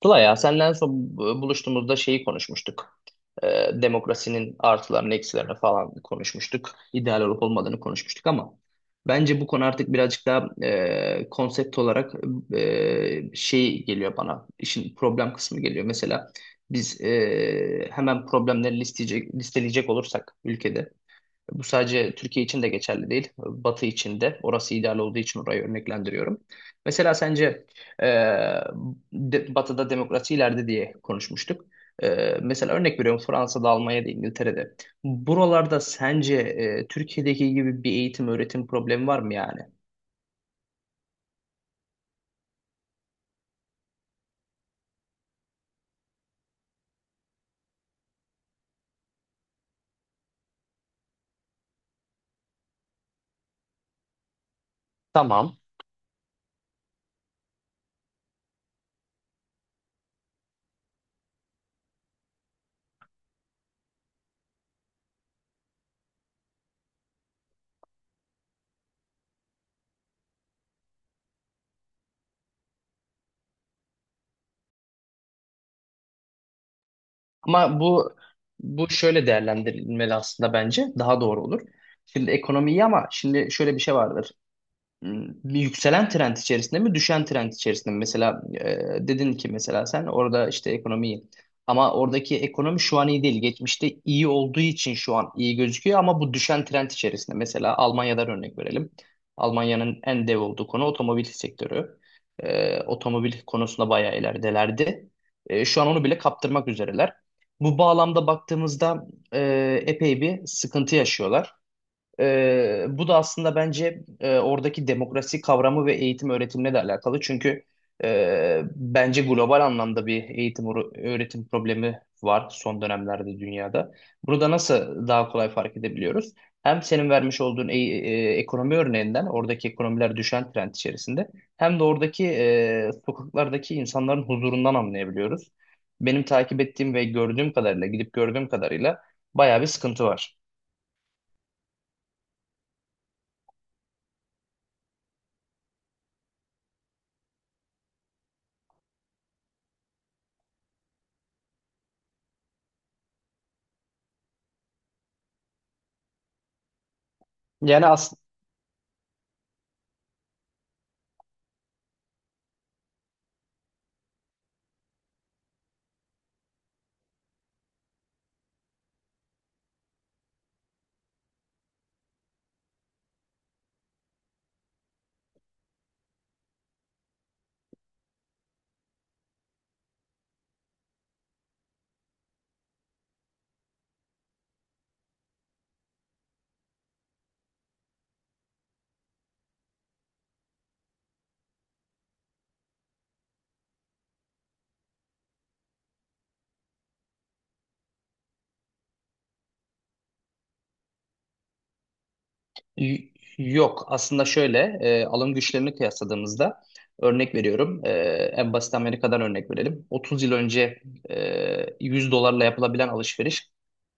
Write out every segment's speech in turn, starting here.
Tula ya senden son buluştuğumuzda şeyi konuşmuştuk. Demokrasinin artılarını, eksilerini falan konuşmuştuk. İdeal olup olmadığını konuşmuştuk ama bence bu konu artık birazcık daha konsept olarak şey geliyor bana. İşin problem kısmı geliyor. Mesela biz hemen problemleri listeleyecek olursak ülkede bu sadece Türkiye için de geçerli değil. Batı için de. Orası ideal olduğu için orayı örneklendiriyorum. Mesela sence e, Batı'da demokrasi ileride diye konuşmuştuk. Mesela örnek veriyorum Fransa'da, Almanya'da, İngiltere'de. Buralarda sence Türkiye'deki gibi bir eğitim, öğretim problemi var mı yani? Tamam. Ama bu şöyle değerlendirilmeli aslında, bence daha doğru olur. Şimdi ekonomiyi, ama şimdi şöyle bir şey vardır. Bir yükselen trend içerisinde mi, düşen trend içerisinde mi? Mesela dedin ki, mesela sen orada işte ekonomiyi, ama oradaki ekonomi şu an iyi değil. Geçmişte iyi olduğu için şu an iyi gözüküyor ama bu düşen trend içerisinde. Mesela Almanya'dan örnek verelim. Almanya'nın en dev olduğu konu otomobil sektörü. Otomobil konusunda bayağı ileridelerdi. Şu an onu bile kaptırmak üzereler. Bu bağlamda baktığımızda epey bir sıkıntı yaşıyorlar. Bu da aslında bence oradaki demokrasi kavramı ve eğitim öğretimle de alakalı. Çünkü bence global anlamda bir eğitim öğretim problemi var son dönemlerde dünyada. Burada nasıl daha kolay fark edebiliyoruz? Hem senin vermiş olduğun ekonomi örneğinden oradaki ekonomiler düşen trend içerisinde, hem de oradaki sokaklardaki insanların huzurundan anlayabiliyoruz. Benim takip ettiğim ve gördüğüm kadarıyla, gidip gördüğüm kadarıyla bayağı bir sıkıntı var. Yani as Y- Yok, aslında şöyle, alım güçlerini kıyasladığımızda, örnek veriyorum, en basit Amerika'dan örnek verelim. 30 yıl önce 100 dolarla yapılabilen alışveriş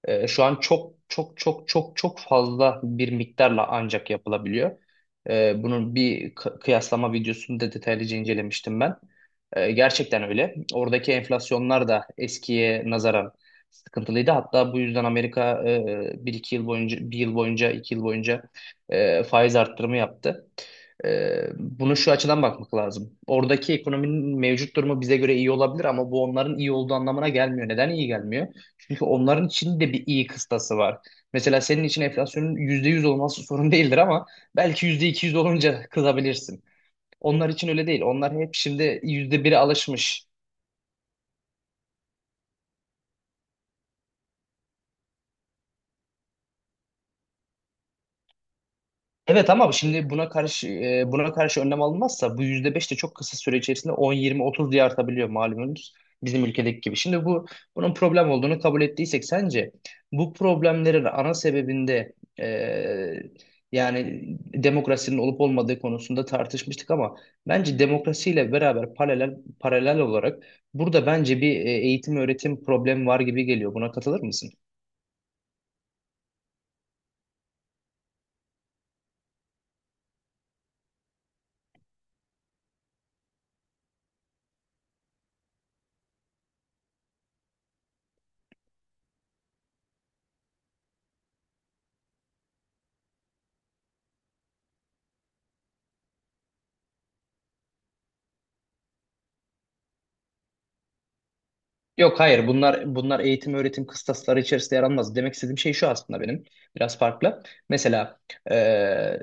şu an çok çok çok çok çok fazla bir miktarla ancak yapılabiliyor. Bunun bir kıyaslama videosunu da detaylıca incelemiştim ben. Gerçekten öyle. Oradaki enflasyonlar da eskiye nazaran sıkıntılıydı. Hatta bu yüzden Amerika bir iki yıl boyunca, bir yıl boyunca, 2 yıl boyunca faiz arttırımı yaptı. E, Bunu şu açıdan bakmak lazım. Oradaki ekonominin mevcut durumu bize göre iyi olabilir, ama bu onların iyi olduğu anlamına gelmiyor. Neden iyi gelmiyor? Çünkü onların için de bir iyi kıstası var. Mesela senin için enflasyonun %100 olması sorun değildir ama belki %200 olunca kızabilirsin. Onlar için öyle değil. Onlar hep şimdi %1'e alışmış. Evet, ama şimdi buna karşı buna karşı önlem alınmazsa bu %5 de çok kısa süre içerisinde 10, 20, 30 diye artabiliyor, malumunuz, bizim ülkedeki gibi. Şimdi bunun problem olduğunu kabul ettiysek, sence bu problemlerin ana sebebinde e, yani demokrasinin olup olmadığı konusunda tartışmıştık ama bence demokrasiyle beraber paralel paralel olarak burada bence bir eğitim öğretim problemi var gibi geliyor. Buna katılır mısın? Yok, hayır, bunlar eğitim öğretim kıstasları içerisinde yer almaz. Demek istediğim şey şu aslında, benim biraz farklı. Mesela e,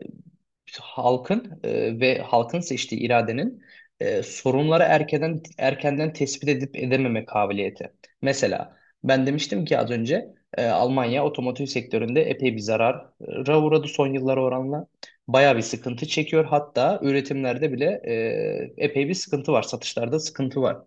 halkın ve halkın seçtiği iradenin sorunları erkenden erkenden tespit edip edememe kabiliyeti. Mesela ben demiştim ki az önce, Almanya otomotiv sektöründe epey bir zarara uğradı son yıllara oranla. Bayağı bir sıkıntı çekiyor. Hatta üretimlerde bile epey bir sıkıntı var. Satışlarda sıkıntı var.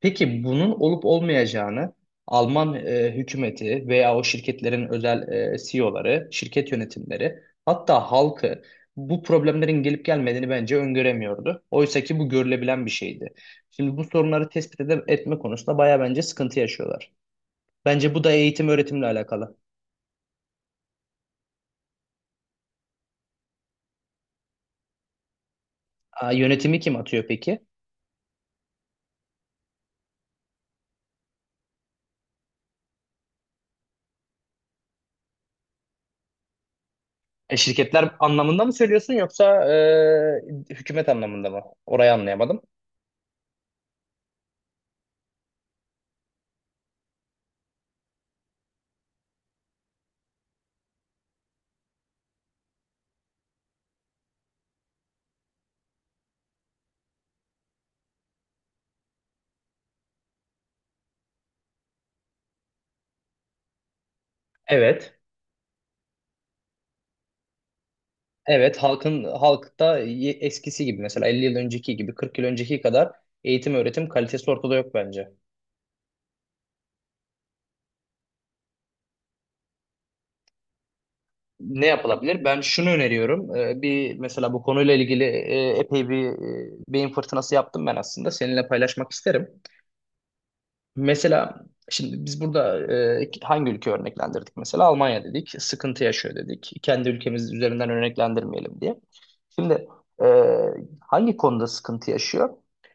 Peki bunun olup olmayacağını Alman hükümeti veya o şirketlerin özel CEO'ları, şirket yönetimleri, hatta halkı, bu problemlerin gelip gelmediğini bence öngöremiyordu. Oysa ki bu görülebilen bir şeydi. Şimdi bu sorunları tespit etme konusunda bayağı bence sıkıntı yaşıyorlar. Bence bu da eğitim öğretimle alakalı. Aa, yönetimi kim atıyor peki? Şirketler anlamında mı söylüyorsun, yoksa hükümet anlamında mı? Orayı anlayamadım. Evet. Evet, halkta eskisi gibi, mesela 50 yıl önceki gibi, 40 yıl önceki kadar eğitim öğretim kalitesi ortada yok bence. Ne yapılabilir? Ben şunu öneriyorum. Bir mesela, bu konuyla ilgili epey bir beyin fırtınası yaptım ben aslında. Seninle paylaşmak isterim. Mesela şimdi biz burada hangi ülke örneklendirdik? Mesela Almanya dedik. Sıkıntı yaşıyor dedik. Kendi ülkemiz üzerinden örneklendirmeyelim diye. Şimdi e, hangi konuda sıkıntı yaşıyor?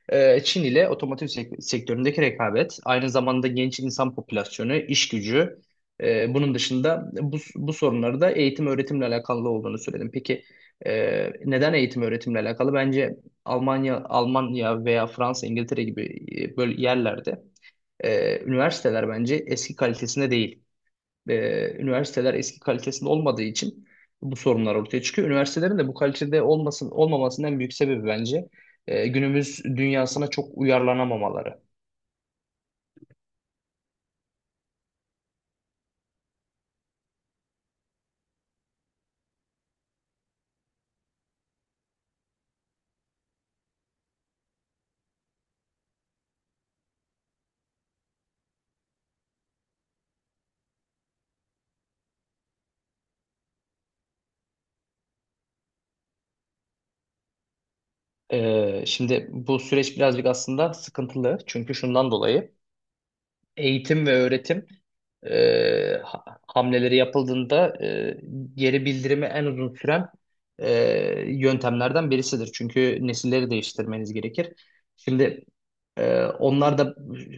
Çin ile otomotiv sektöründeki rekabet, aynı zamanda genç insan popülasyonu, iş gücü, bunun dışında bu sorunları da eğitim öğretimle alakalı olduğunu söyledim. Peki e, neden eğitim öğretimle alakalı? Bence Almanya, veya Fransa, İngiltere gibi böyle yerlerde üniversiteler bence eski kalitesinde değil, üniversiteler eski kalitesinde olmadığı için bu sorunlar ortaya çıkıyor. Üniversitelerin de bu kalitede olmamasının en büyük sebebi bence günümüz dünyasına çok uyarlanamamaları. Şimdi bu süreç birazcık aslında sıkıntılı. Çünkü şundan dolayı, eğitim ve öğretim hamleleri yapıldığında geri bildirimi en uzun süren e, yöntemlerden birisidir. Çünkü nesilleri değiştirmeniz gerekir. Şimdi onlar da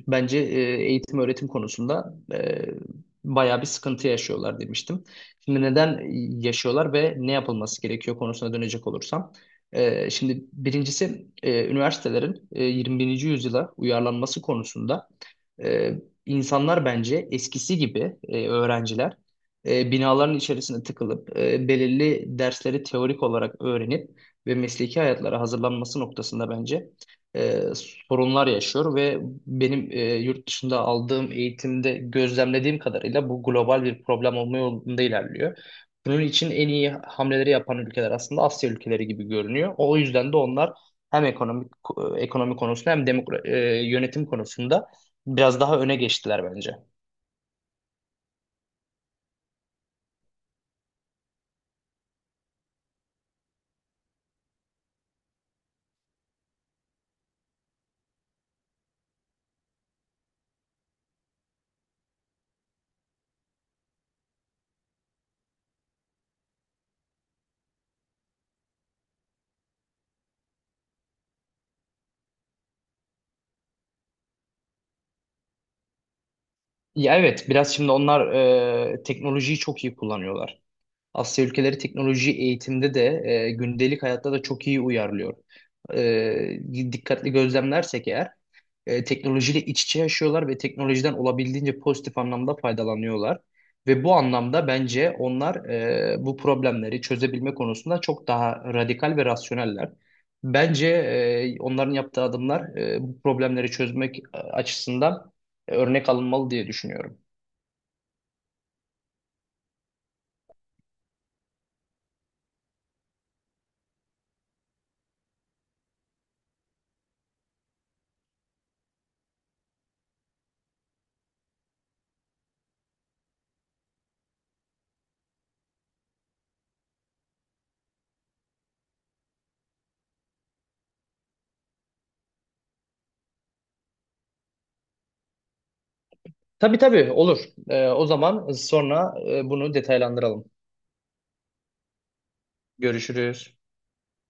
bence eğitim öğretim konusunda bayağı bir sıkıntı yaşıyorlar demiştim. Şimdi neden yaşıyorlar ve ne yapılması gerekiyor konusuna dönecek olursam, şimdi birincisi, üniversitelerin 21. yüzyıla uyarlanması konusunda, ee, insanlar bence eskisi gibi, öğrenciler binaların içerisine tıkılıp belirli dersleri teorik olarak öğrenip ve mesleki hayatlara hazırlanması noktasında bence e, sorunlar yaşıyor, ve benim yurt dışında aldığım eğitimde gözlemlediğim kadarıyla bu global bir problem olma yolunda ilerliyor. Bunun için en iyi hamleleri yapan ülkeler aslında Asya ülkeleri gibi görünüyor. O yüzden de onlar hem ekonomi konusunda, hem yönetim konusunda biraz daha öne geçtiler bence. Ya evet, biraz şimdi onlar teknolojiyi çok iyi kullanıyorlar. Asya ülkeleri teknolojiyi eğitimde de, gündelik hayatta da çok iyi uyarlıyor. Dikkatli gözlemlersek eğer, teknolojiyle iç içe yaşıyorlar ve teknolojiden olabildiğince pozitif anlamda faydalanıyorlar. Ve bu anlamda bence onlar bu problemleri çözebilme konusunda çok daha radikal ve rasyoneller. Bence onların yaptığı adımlar bu problemleri çözmek açısından örnek alınmalı diye düşünüyorum. Tabii, tabii, olur. O zaman sonra bunu detaylandıralım. Görüşürüz.